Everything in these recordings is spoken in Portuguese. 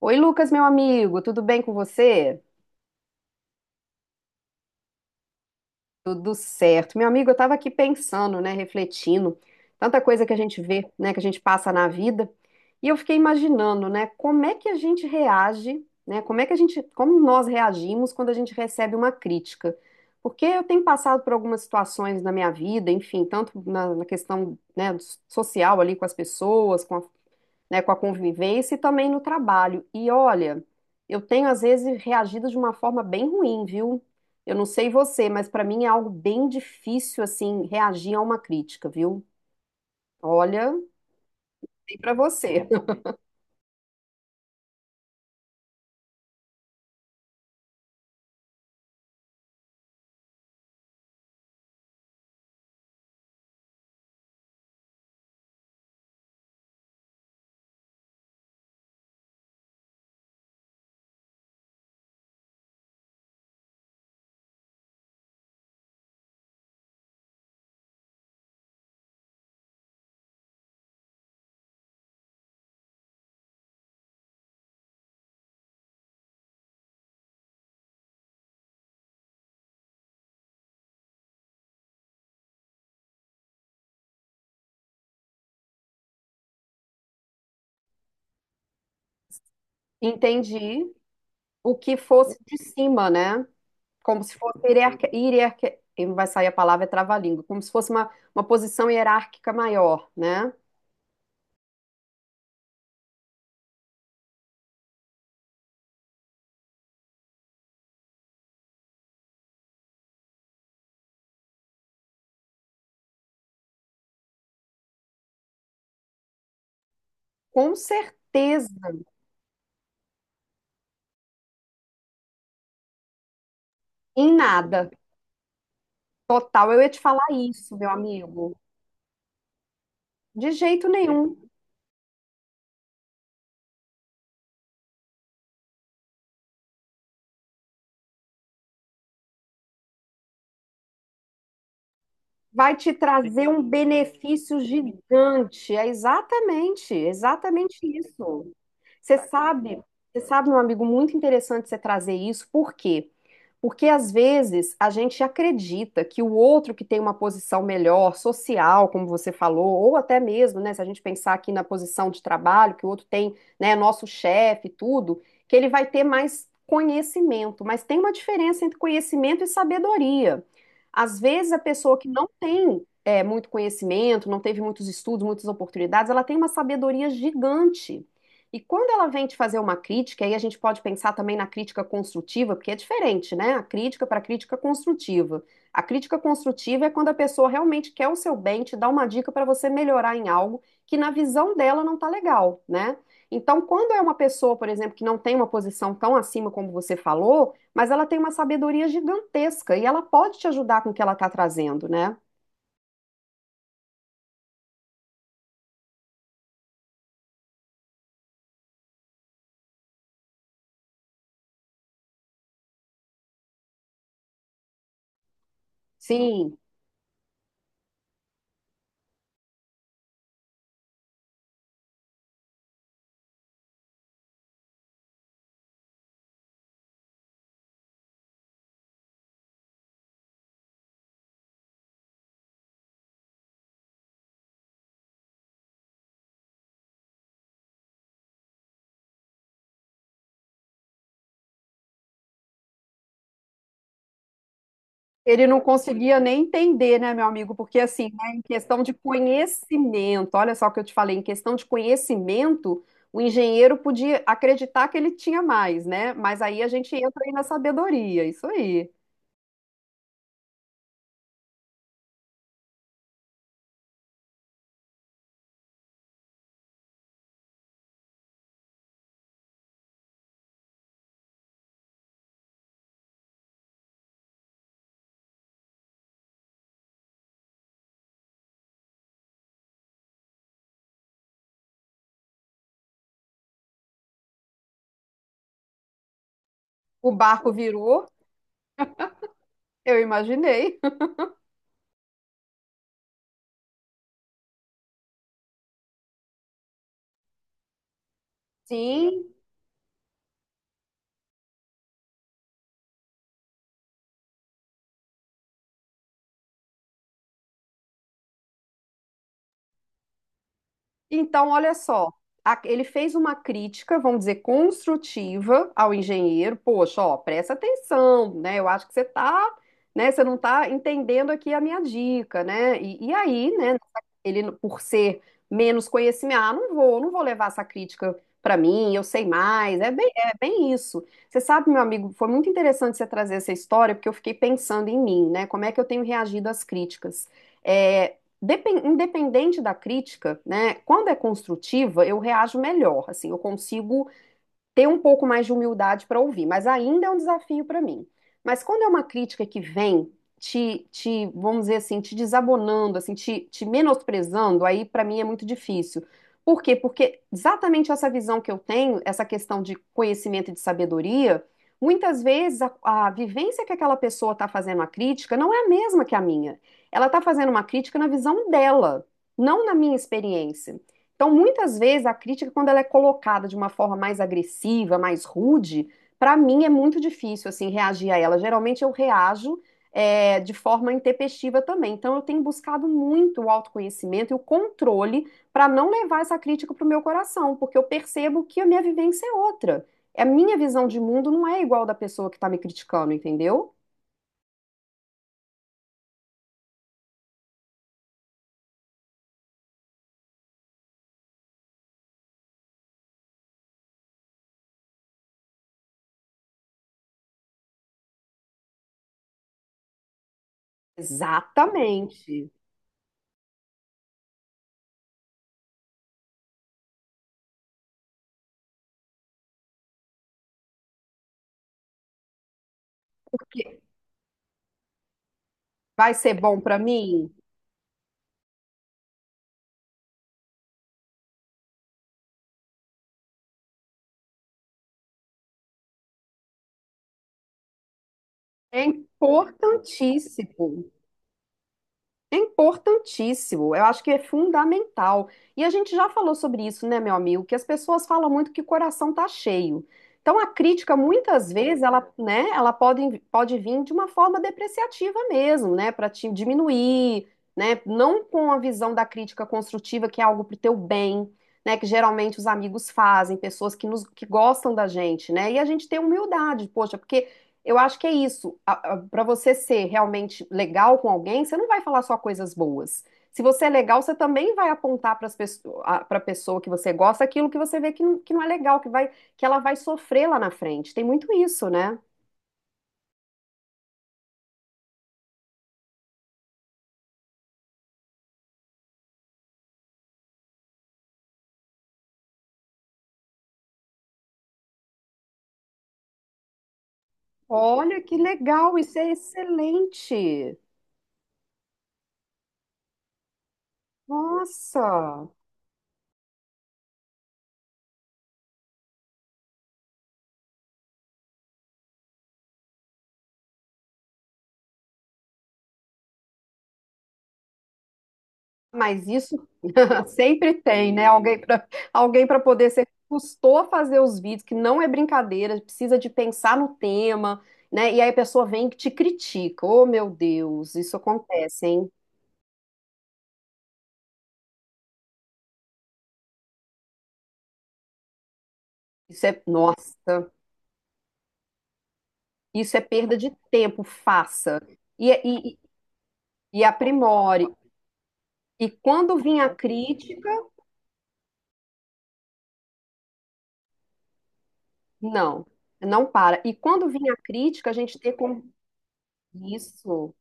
Oi, Lucas, meu amigo, tudo bem com você? Tudo certo. Meu amigo, eu estava aqui pensando, né, refletindo, tanta coisa que a gente vê, né, que a gente passa na vida, e eu fiquei imaginando, né, como é que a gente reage, né, como nós reagimos quando a gente recebe uma crítica. Porque eu tenho passado por algumas situações na minha vida, enfim, tanto na questão, né, social ali com as pessoas, com a né, com a convivência e também no trabalho. E olha, eu tenho às vezes reagido de uma forma bem ruim, viu? Eu não sei você, mas para mim é algo bem difícil assim reagir a uma crítica, viu? Olha, sei para você. Entendi o que fosse de cima, né? Como se fosse hierarquia, hierarquia, e não vai sair a palavra é trava-língua, como se fosse uma posição hierárquica maior, né? Com certeza, em nada, total. Eu ia te falar isso, meu amigo. De jeito nenhum. Vai te trazer um benefício gigante. É exatamente, exatamente isso. Você sabe, você sabe, meu amigo, muito interessante você trazer isso, porque às vezes a gente acredita que o outro que tem uma posição melhor, social, como você falou, ou até mesmo, né, se a gente pensar aqui na posição de trabalho, que o outro tem, né, nosso chefe e tudo, que ele vai ter mais conhecimento. Mas tem uma diferença entre conhecimento e sabedoria. Às vezes a pessoa que não tem muito conhecimento, não teve muitos estudos, muitas oportunidades, ela tem uma sabedoria gigante. E quando ela vem te fazer uma crítica, aí a gente pode pensar também na crítica construtiva, porque é diferente, né? A crítica para a crítica construtiva. A crítica construtiva é quando a pessoa realmente quer o seu bem, te dá uma dica para você melhorar em algo que na visão dela não tá legal, né? Então, quando é uma pessoa, por exemplo, que não tem uma posição tão acima como você falou, mas ela tem uma sabedoria gigantesca e ela pode te ajudar com o que ela tá trazendo, né? Sim. Ele não conseguia nem entender, né, meu amigo? Porque, assim, né, em questão de conhecimento, olha só o que eu te falei, em questão de conhecimento, o engenheiro podia acreditar que ele tinha mais, né? Mas aí a gente entra aí na sabedoria, isso aí. O barco virou, eu imaginei. Sim, então, olha só, ele fez uma crítica, vamos dizer, construtiva ao engenheiro. Poxa, ó, presta atenção, né? Eu acho que você tá, né? Você não tá entendendo aqui a minha dica, né? E aí, né? Ele, por ser menos conhecimento, ah, não vou levar essa crítica para mim, eu sei mais. É bem isso. Você sabe, meu amigo, foi muito interessante você trazer essa história, porque eu fiquei pensando em mim, né? Como é que eu tenho reagido às críticas? É, independente da crítica, né, quando é construtiva, eu reajo melhor, assim, eu consigo ter um pouco mais de humildade para ouvir, mas ainda é um desafio para mim. Mas quando é uma crítica que vem te, vamos dizer assim, te, desabonando, assim, te menosprezando, aí para mim é muito difícil. Por quê? Porque exatamente essa visão que eu tenho, essa questão de conhecimento e de sabedoria, muitas vezes a vivência que aquela pessoa está fazendo a crítica não é a mesma que a minha. Ela está fazendo uma crítica na visão dela, não na minha experiência. Então, muitas vezes a crítica, quando ela é colocada de uma forma mais agressiva, mais rude, para mim é muito difícil assim reagir a ela. Geralmente eu reajo de forma intempestiva também. Então, eu tenho buscado muito o autoconhecimento e o controle para não levar essa crítica para o meu coração, porque eu percebo que a minha vivência é outra. A minha visão de mundo não é igual da pessoa que está me criticando, entendeu? Exatamente. Porque vai ser bom para mim? É importantíssimo. É importantíssimo, eu acho que é fundamental. E a gente já falou sobre isso, né, meu amigo? Que as pessoas falam muito que o coração tá cheio. Então a crítica muitas vezes ela, né, ela pode, pode vir de uma forma depreciativa mesmo, né, para te diminuir, né, não com a visão da crítica construtiva que é algo pro teu bem, né, que geralmente os amigos fazem, pessoas que nos que gostam da gente, né? E a gente tem humildade, poxa, porque eu acho que é isso. Para você ser realmente legal com alguém, você não vai falar só coisas boas. Se você é legal, você também vai apontar para a pessoa que você gosta aquilo que você vê que não é legal, que vai, que ela vai sofrer lá na frente. Tem muito isso, né? Olha que legal, isso é excelente. Nossa! Mas isso sempre tem, né? Alguém para alguém para poder ser custou a fazer os vídeos, que não é brincadeira, precisa de pensar no tema, né? E aí a pessoa vem e te critica. Oh, meu Deus, isso acontece, hein? Isso é, nossa, isso é perda de tempo, faça. E, e, e aprimore. E quando vinha a crítica, não, não para. E quando vinha a crítica, a gente ter como isso.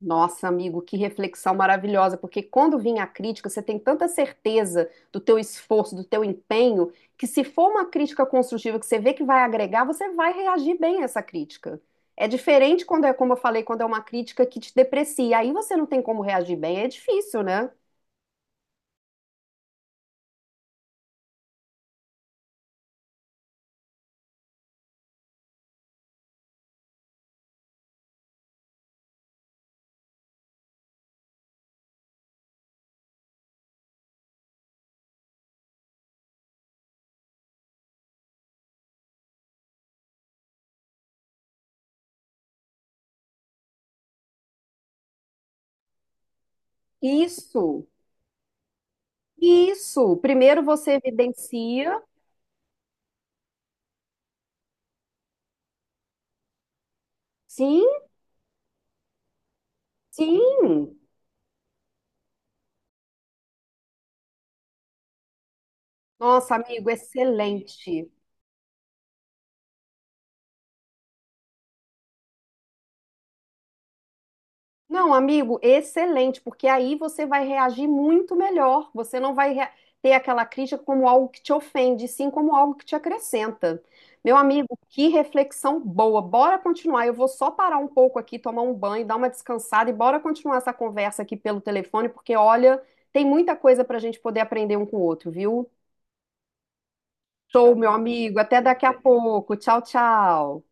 Nossa, amigo, que reflexão maravilhosa, porque quando vem a crítica, você tem tanta certeza do teu esforço, do teu empenho, que se for uma crítica construtiva que você vê que vai agregar, você vai reagir bem a essa crítica. É diferente quando é, como eu falei, quando é uma crítica que te deprecia, aí você não tem como reagir bem, é difícil, né? Isso, isso. Primeiro você evidencia, sim, sim. Nossa, amigo, excelente. Não, amigo, excelente, porque aí você vai reagir muito melhor. Você não vai ter aquela crítica como algo que te ofende, sim como algo que te acrescenta. Meu amigo, que reflexão boa. Bora continuar. Eu vou só parar um pouco aqui, tomar um banho, dar uma descansada e bora continuar essa conversa aqui pelo telefone, porque olha, tem muita coisa para a gente poder aprender um com o outro, viu? Tá Show, meu amigo. Até daqui a pouco. Tchau, tchau.